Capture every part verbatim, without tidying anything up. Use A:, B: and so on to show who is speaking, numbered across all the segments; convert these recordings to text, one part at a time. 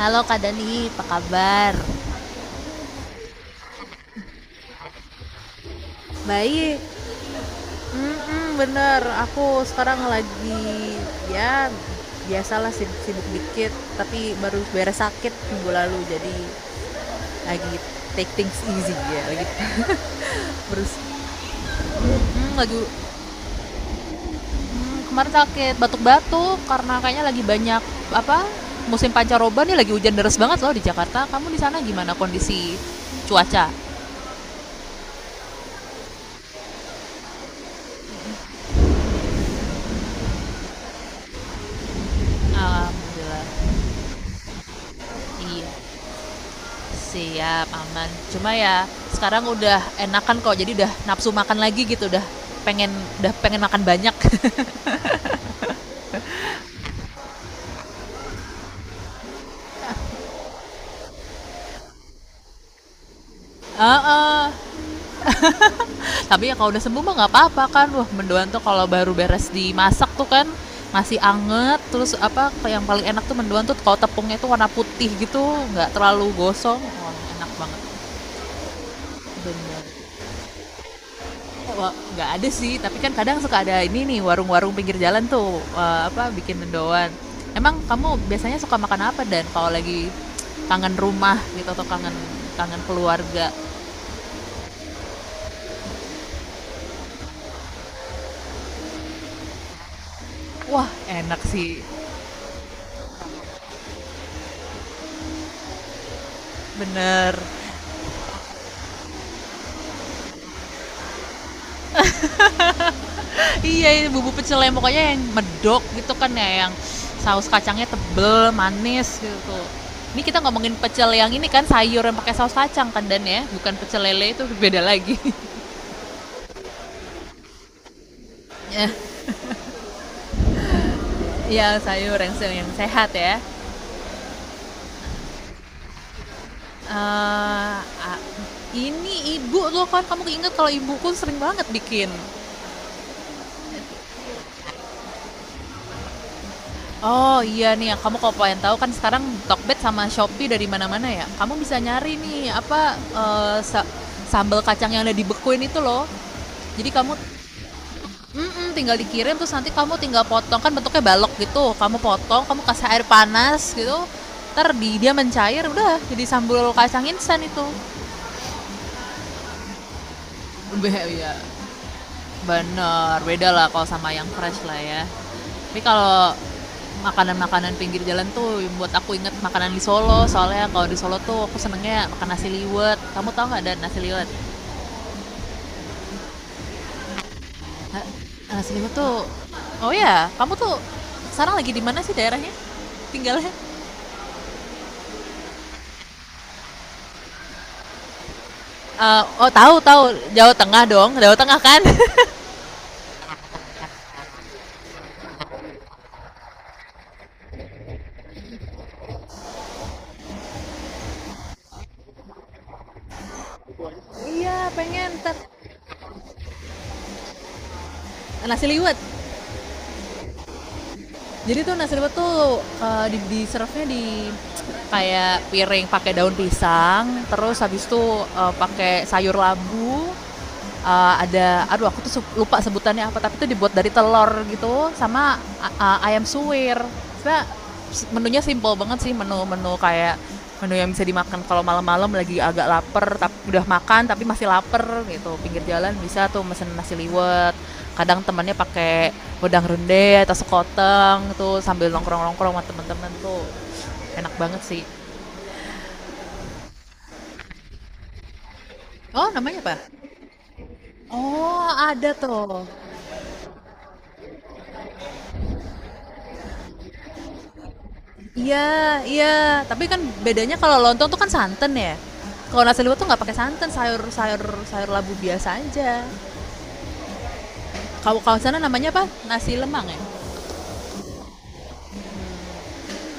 A: Halo Kak Dani, apa kabar? Baik, mm bener. Aku sekarang lagi ya biasalah sibuk-sibuk dikit, tapi baru beres sakit minggu lalu, jadi lagi take things easy ya, lagi terus Hmm, lagi hmm, kemarin sakit batuk-batuk karena kayaknya lagi banyak apa musim pancaroba nih, lagi hujan deras banget loh di Jakarta. Kamu di sana gimana kondisi cuaca? Alhamdulillah. Iya. Siap, aman. Cuma ya sekarang udah enakan kok. Jadi udah nafsu makan lagi gitu, udah pengen udah pengen makan banyak. Heeh. Tapi ya kalau udah sembuh mah nggak apa-apa kan. Wah, mendoan tuh kalau baru beres dimasak tuh kan masih anget, terus apa yang paling enak tuh mendoan tuh kalau tepungnya tuh warna putih gitu, nggak terlalu gosong, wah enak banget, bener. Nggak ada sih, tapi kan kadang suka ada ini nih warung-warung pinggir jalan tuh eh, apa bikin mendoan. Emang kamu biasanya suka makan apa dan kalau lagi kangen rumah gitu atau kangen kangen keluarga? Wah, enak sih. Bener. Iya, ini bumbu pecel yang pokoknya yang medok gitu kan ya, yang saus kacangnya tebel, manis gitu. Ini kita ngomongin pecel yang ini kan sayur yang pakai saus kacang kan, dan ya, bukan pecel lele, itu beda lagi. ya, ya sayur yang yang sehat ya. Eee, a Ini ibu lo kan, kamu keinget kalau ibuku sering banget bikin. Oh iya nih, ya. Kamu kalau pengen tahu kan sekarang Tokped sama Shopee dari mana-mana ya, kamu bisa nyari nih apa, eee, sa sambel kacang yang udah dibekuin itu loh. Jadi kamu mhm, tinggal dikirim terus nanti kamu tinggal potong, kan bentuknya balok gitu, kamu potong, kamu kasih air panas gitu, entar di dia mencair udah jadi sambal kacang instan itu. Be iya. Bener, beda lah kalau sama yang fresh lah ya. Tapi kalau makanan-makanan pinggir jalan tuh yang buat aku inget makanan di Solo. Soalnya kalau di Solo tuh aku senengnya makan nasi liwet. Kamu tau nggak ada nasi liwet? Nah, nasi liwet tuh, oh ya, kamu tuh sekarang lagi di mana sih daerahnya? Tinggalnya? Eh, oh tahu tahu, Jawa Tengah dong, Jawa Tengah kan? Iya pengen ter nasi liwet. Jadi tuh nasi liwet tuh eh, di, di serve-nya di kayak piring pakai daun pisang, terus habis itu eh, pakai sayur labu. Eh, ada Aduh, aku tuh lupa sebutannya apa, tapi itu dibuat dari telur gitu sama a- ayam suwir. Sebenarnya menunya simple banget sih, menu-menu kayak menu yang bisa dimakan kalau malam-malam lagi agak lapar tapi udah makan tapi masih lapar gitu, pinggir jalan bisa tuh mesen nasi liwet, kadang temannya pakai wedang ronde atau sekoteng tuh sambil nongkrong-nongkrong sama temen-temen tuh enak banget sih. Oh, namanya apa? Oh ada tuh, iya iya, tapi kan bedanya kalau lontong tuh kan santan ya, kalau nasi liwet tuh nggak pakai santan, sayur sayur sayur labu biasa aja. Kalau kalau sana namanya apa? Nasi lemang ya.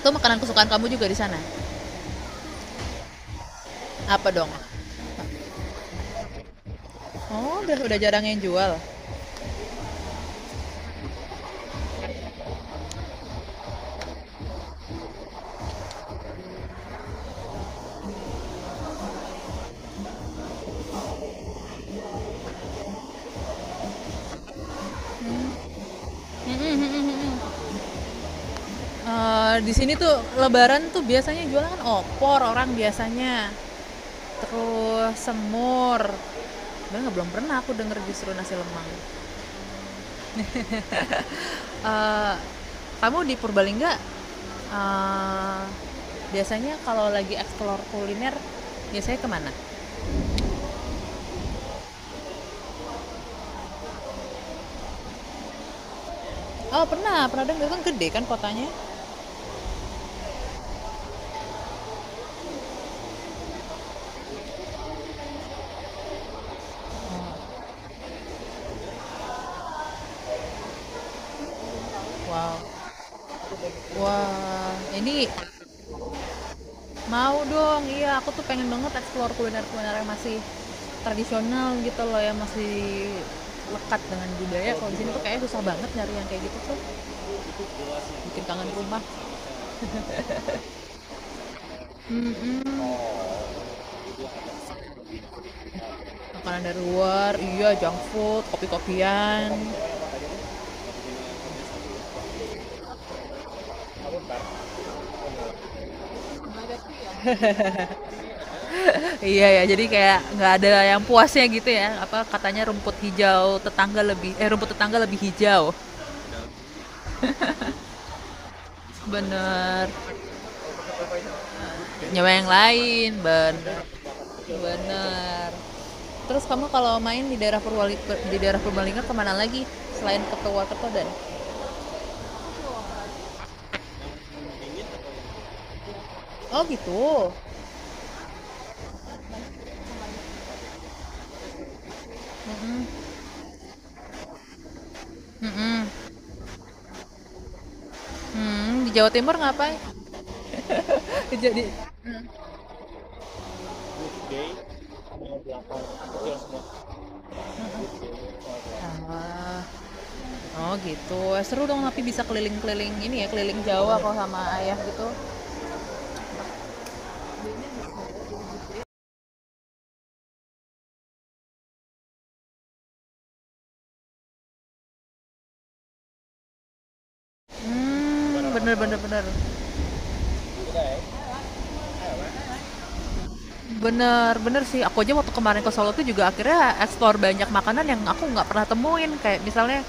A: Itu makanan kesukaan kamu juga di sana. Apa dong? Oh, udah udah jarang yang jual. Mm, mm, mm, mm, mm. Eh, di sini tuh lebaran tuh biasanya jualan kan opor orang biasanya. Terus semur. Bener nggak? Belum pernah aku denger justru nasi lemang. Eh, kamu di Purbalingga eh, biasanya kalau lagi eksplor kuliner biasanya kemana? Oh pernah, pernah dengar kan, gede kan kotanya. Wow. Wah, ini mau dong, iya aku tuh pengen banget explore kuliner-kuliner yang masih tradisional gitu loh, yang masih lekat dengan budaya. Kalau di sini tuh kayaknya susah banget nyari yang kayak gitu tuh, bikin kangen rumah. Mhm. Makanan dari luar, iya junk food, kopi-kopian. Iya ya, jadi kayak nggak ada yang puasnya gitu ya. Apa katanya rumput hijau tetangga lebih, eh, rumput tetangga lebih hijau. Bener. Nyawa yang lain, bener. Bener. Terus kamu kalau main di daerah Purwali di daerah Purbalingga kemana lagi selain ke Purwakarta? Oh gitu. Mm-mm. Mm-mm. Hmm, di Jawa Timur ngapain? Jadi, ah, oh gitu. Seru dong tapi bisa keliling-keliling ini ya, keliling Jawa kalau sama ayah gitu. Hmm, bener bener bener. Bener bener sih. Aku aja waktu kemarin ke Solo tuh juga akhirnya explore banyak makanan yang aku nggak pernah temuin kayak misalnya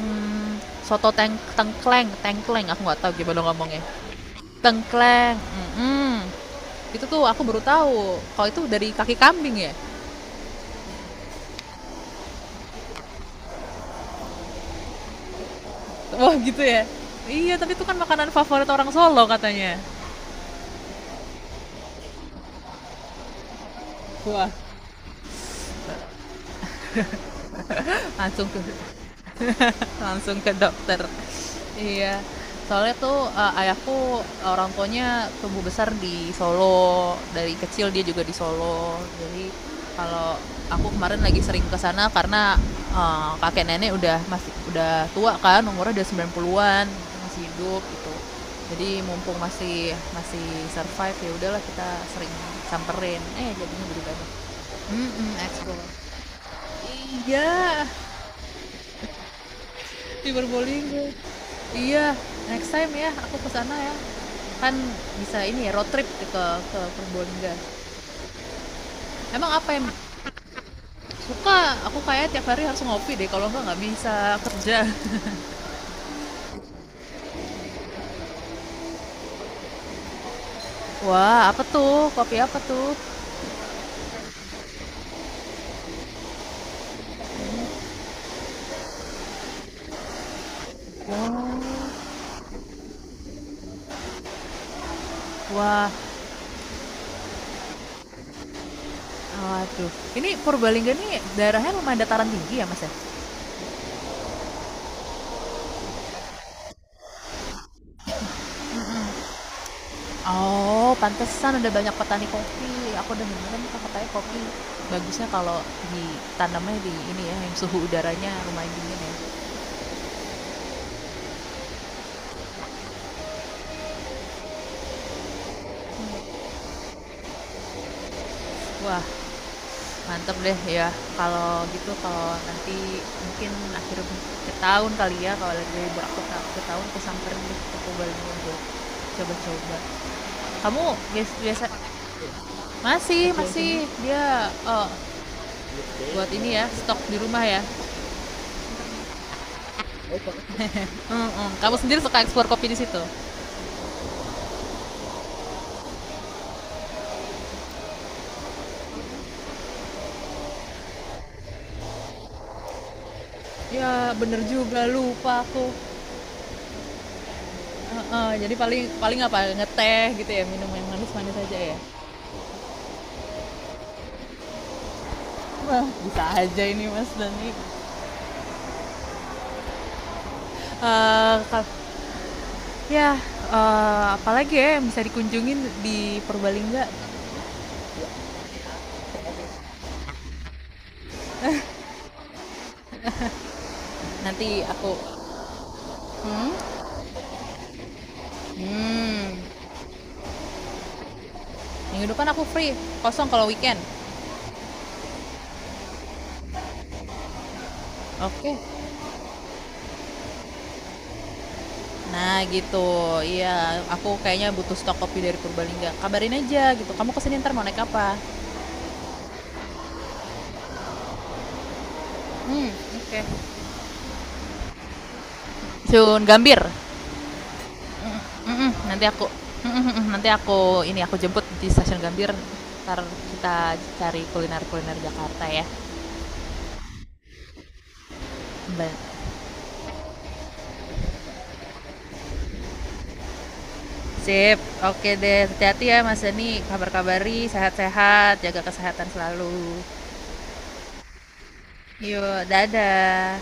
A: hmm, soto teng tengkleng, tengkleng aku nggak tahu gimana ngomongnya. Tengkleng, mhm. Itu tuh aku baru tahu, kalau itu dari kaki kambing ya? Wah gitu ya? Iya, tapi itu kan makanan favorit orang Solo katanya. Wah, langsung tuh langsung ke dokter. Iya, soalnya tuh eh, ayahku orang tuanya tumbuh besar di Solo, dari kecil dia juga di Solo. Jadi kalau aku kemarin lagi sering ke sana karena eh, kakek nenek udah masih udah tua kan, umurnya udah sembilan puluhan, masih hidup gitu. Jadi mumpung masih masih survive ya udahlah kita sering samperin. Eh jadinya jadi banyak. Mm-mm, explore. Iya, cyberbullying gue. Iya, next time ya aku ke sana ya. Kan bisa ini ya road trip ke ke Purbalingga. Emang apa yang suka? Aku kayak tiap hari harus ngopi deh, kalau enggak nggak bisa kerja. Wah, apa tuh? Kopi apa tuh? Wow. Wah, waduh. Ini Purbalingga nih daerahnya lumayan dataran tinggi ya, Mas ya? Oh, pantesan ada banyak petani kopi. Aku udah dengerin katanya kopi bagusnya kalau ditanamnya di ini ya, yang suhu udaranya lumayan dingin ya. Wah, mantep deh ya. Kalau gitu, kalau nanti mungkin akhir akhir tahun kali ya, kalau lagi libur aku akhir tahun aku samperin deh ke Purbalingga buat coba-coba. Kamu bias- biasa masih masih dia eh, buat ini ya, stok di rumah ya. Mm-mm. Kamu sendiri suka ekspor kopi di situ? Ya bener juga, lupa aku. Heeh, jadi paling paling apa ngeteh gitu ya, minum yang manis-manis aja ya. Wah bisa aja ini Mas Dani. Eh, ya eee, apalagi ya yang bisa dikunjungin di Purbalingga? Nanti aku mhm. mmm, Minggu depan aku free, kosong kalau weekend. Oke. Nah gitu, iya aku kayaknya butuh stok kopi dari Purbalingga. Kabarin aja gitu, kamu kesini ntar mau naik apa? Mmm, oke. Stasiun Gambir? Mhm, nanti aku mhm mhm, nanti aku ini, aku jemput di Stasiun Gambir, ntar kita cari kuliner-kuliner Jakarta ya. Ba Sip, oke deh. Hati-hati ya Mas Dani, kabar-kabari, sehat-sehat, jaga kesehatan selalu. Yuk, dadah.